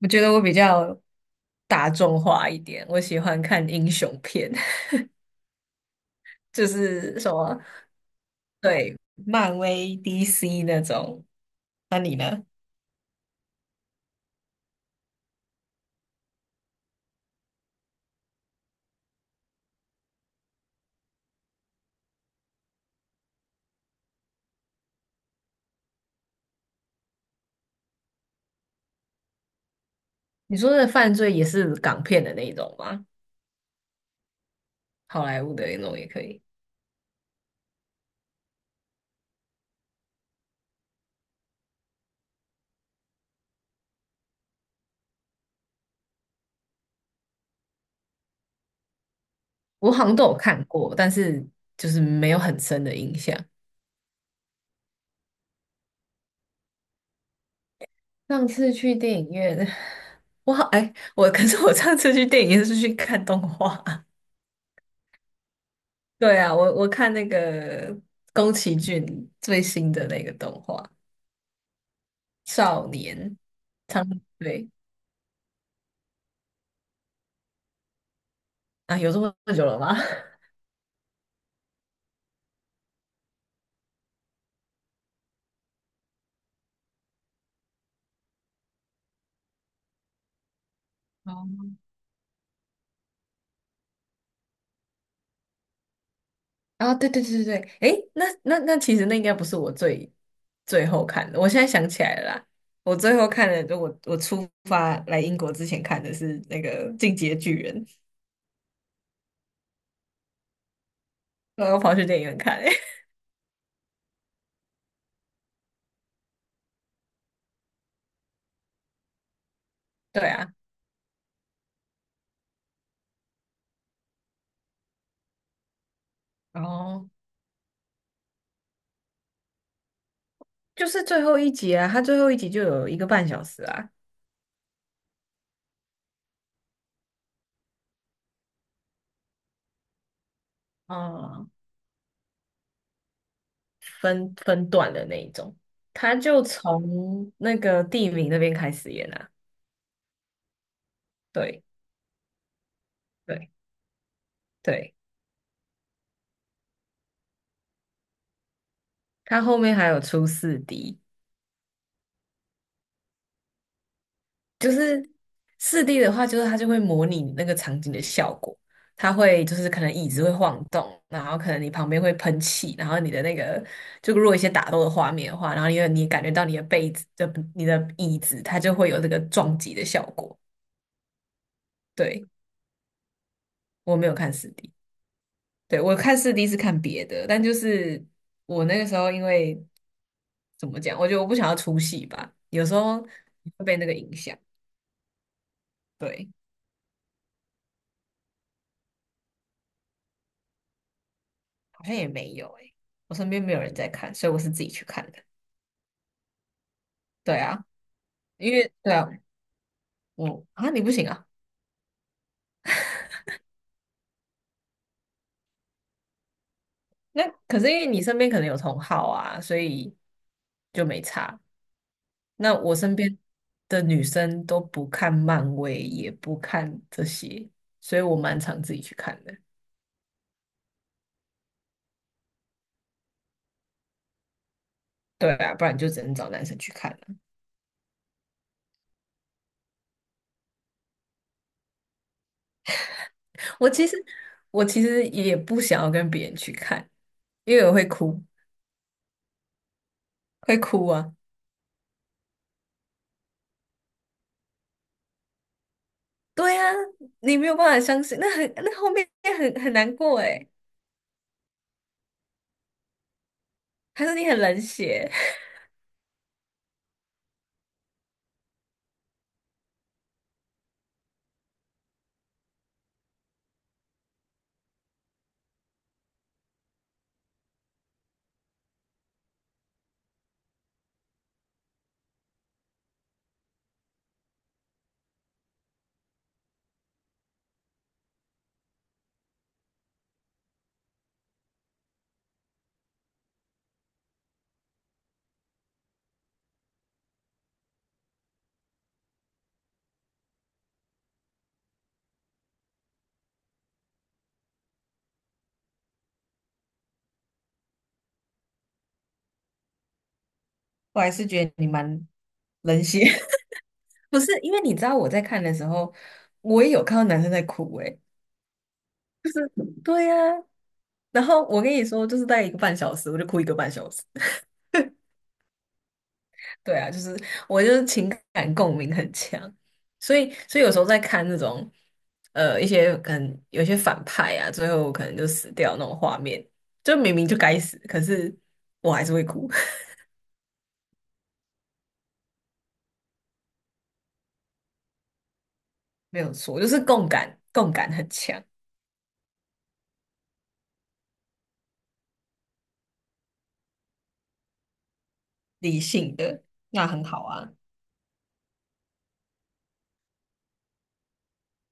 我觉得我比较大众化一点。我喜欢看英雄片，就是什么，对，漫威、DC 那种。那你呢？你说的犯罪也是港片的那一种吗？好莱坞的那种也可以。我好像都有看过，但是就是没有很深的印象。上次去电影院，我好，哎，我可是我上次去电影院是去看动画。对啊，我看那个宫崎骏最新的那个动画。少年，苍对啊，有这么久了吗？哦，啊，对对对对对，诶，那其实那应该不是我最后看的，我现在想起来了啦。我最后看的，就我出发来英国之前看的是那个《进击的巨人》，然后跑去电影院看、欸，对啊。哦，就是最后一集啊，它最后一集就有一个半小时啊。啊，分段的那一种，它就从那个地名那边开始演啊。对。对。对，它后面还有出四 D。就是四 D 的话，就是它就会模拟你那个场景的效果，它会就是可能椅子会晃动，然后可能你旁边会喷气，然后你的那个就如果一些打斗的画面的话，然后因为你感觉到你的被子的你的椅子，它就会有这个撞击的效果。对，我没有看四 D。对，我看四 D 是看别的，但就是我那个时候因为怎么讲，我觉得我不想要出戏吧，有时候会被那个影响。对。好像也没有诶、我身边没有人在看，所以我是自己去看的。对啊，因为对啊，我啊你不行啊。那可是因为你身边可能有同好啊，所以就没差。那我身边的女生都不看漫威，也不看这些，所以我蛮常自己去看的。对啊，不然就只能找男生去看了。我其实我其实也不想要跟别人去看，因为我会哭，会哭啊。对啊，你没有办法相信，那很那后面很难过诶。还是你很冷血？我还是觉得你蛮冷血。不是，因为你知道我在看的时候，我也有看到男生在哭诶。对呀、然后我跟你说，就是大概一个半小时，我就哭一个半小时。对啊，就是我就是情感共鸣很强，所以有时候在看那种一些可能有些反派啊，最后可能就死掉那种画面，就明明就该死，可是我还是会哭。没有错，就是共感，共感很强。理性的，那很好啊。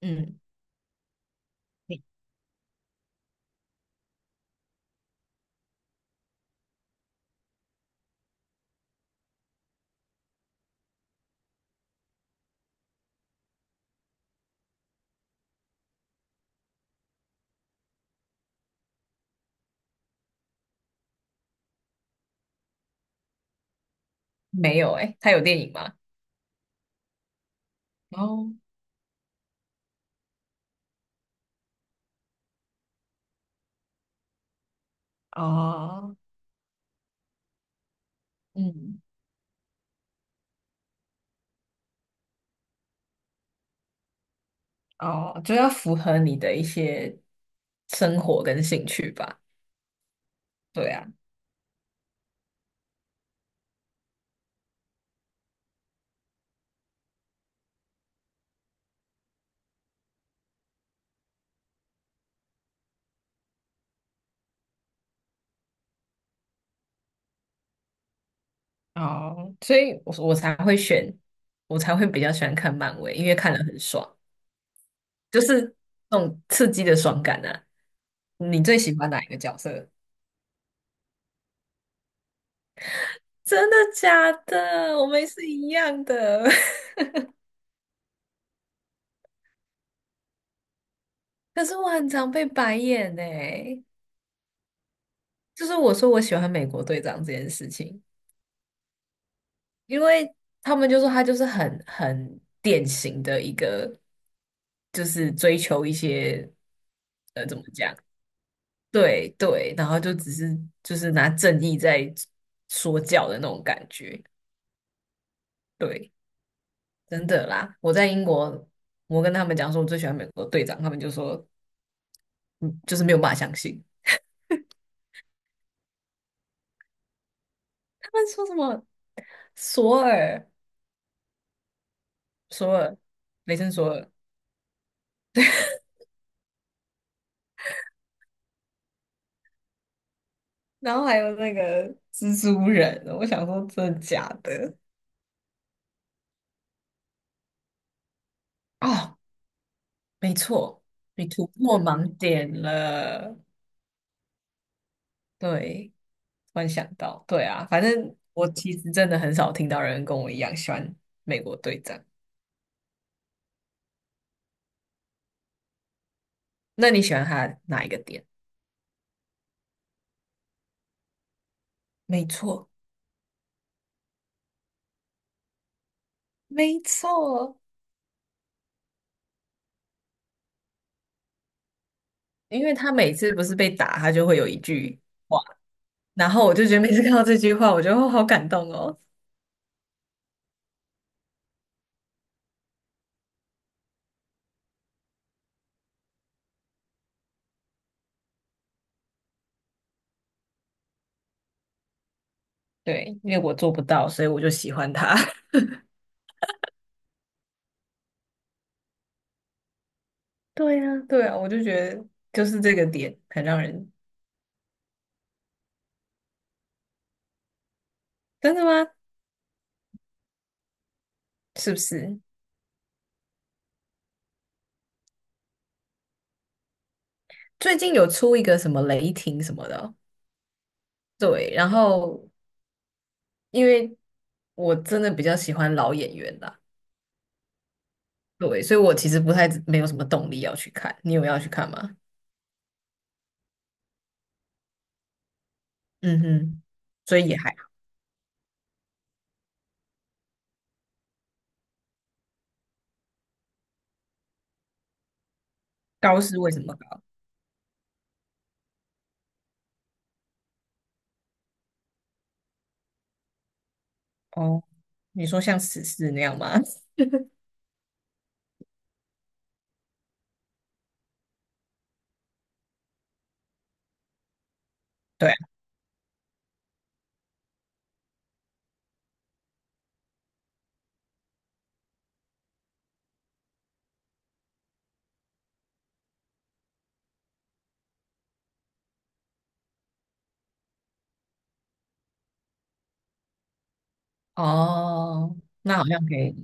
嗯，没有诶、他有电影吗？哦哦嗯，哦，就要符合你的一些生活跟兴趣吧。对啊，哦，所以我才会选，我才会比较喜欢看漫威，因为看了很爽，就是那种刺激的爽感啊。你最喜欢哪一个角色？真的假的？我们是一样的。可是我很常被白眼呢、就是我说我喜欢美国队长这件事情，因为他们就说他就是很典型的一个，就是追求一些呃怎么讲，对对，然后就只是就是拿正义在说教的那种感觉。对，真的啦，我在英国，我跟他们讲说我最喜欢美国队长，他们就说嗯，就是没有办法相信。他们说什么索尔索尔。雷神索尔，然后还有那个蜘蛛人，我想说真的假的？哦，没错，你突破盲点了。对，突然想到，对啊，反正我其实真的很少听到人跟我一样喜欢美国队长。那你喜欢他哪一个点？没错，没错，因为他每次不是被打，他就会有一句话，然后我就觉得每次看到这句话，我就哦好感动哦。对，因为我做不到，所以我就喜欢他。对呀，对啊，我就觉得就是这个点很让人。真的吗？是不是？最近有出一个什么雷霆什么的哦对，然后因为我真的比较喜欢老演员啦。对，所以我其实不太没有什么动力要去看。你有要去看吗？嗯哼，所以也还好。高是为什么高？哦，你说像史诗那样吗？对啊，哦，那好像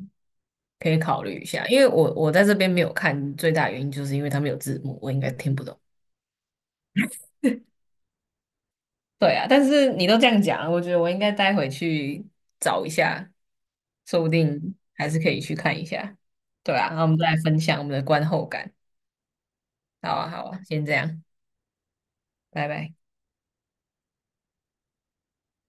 可以考虑一下，因为我我在这边没有看，最大原因就是因为他们有字幕，我应该听不懂。对啊，但是你都这样讲了，我觉得我应该待会去找一下，说不定还是可以去看一下。对啊，然后我们再来分享我们的观后感。好啊，好啊，先这样，拜拜。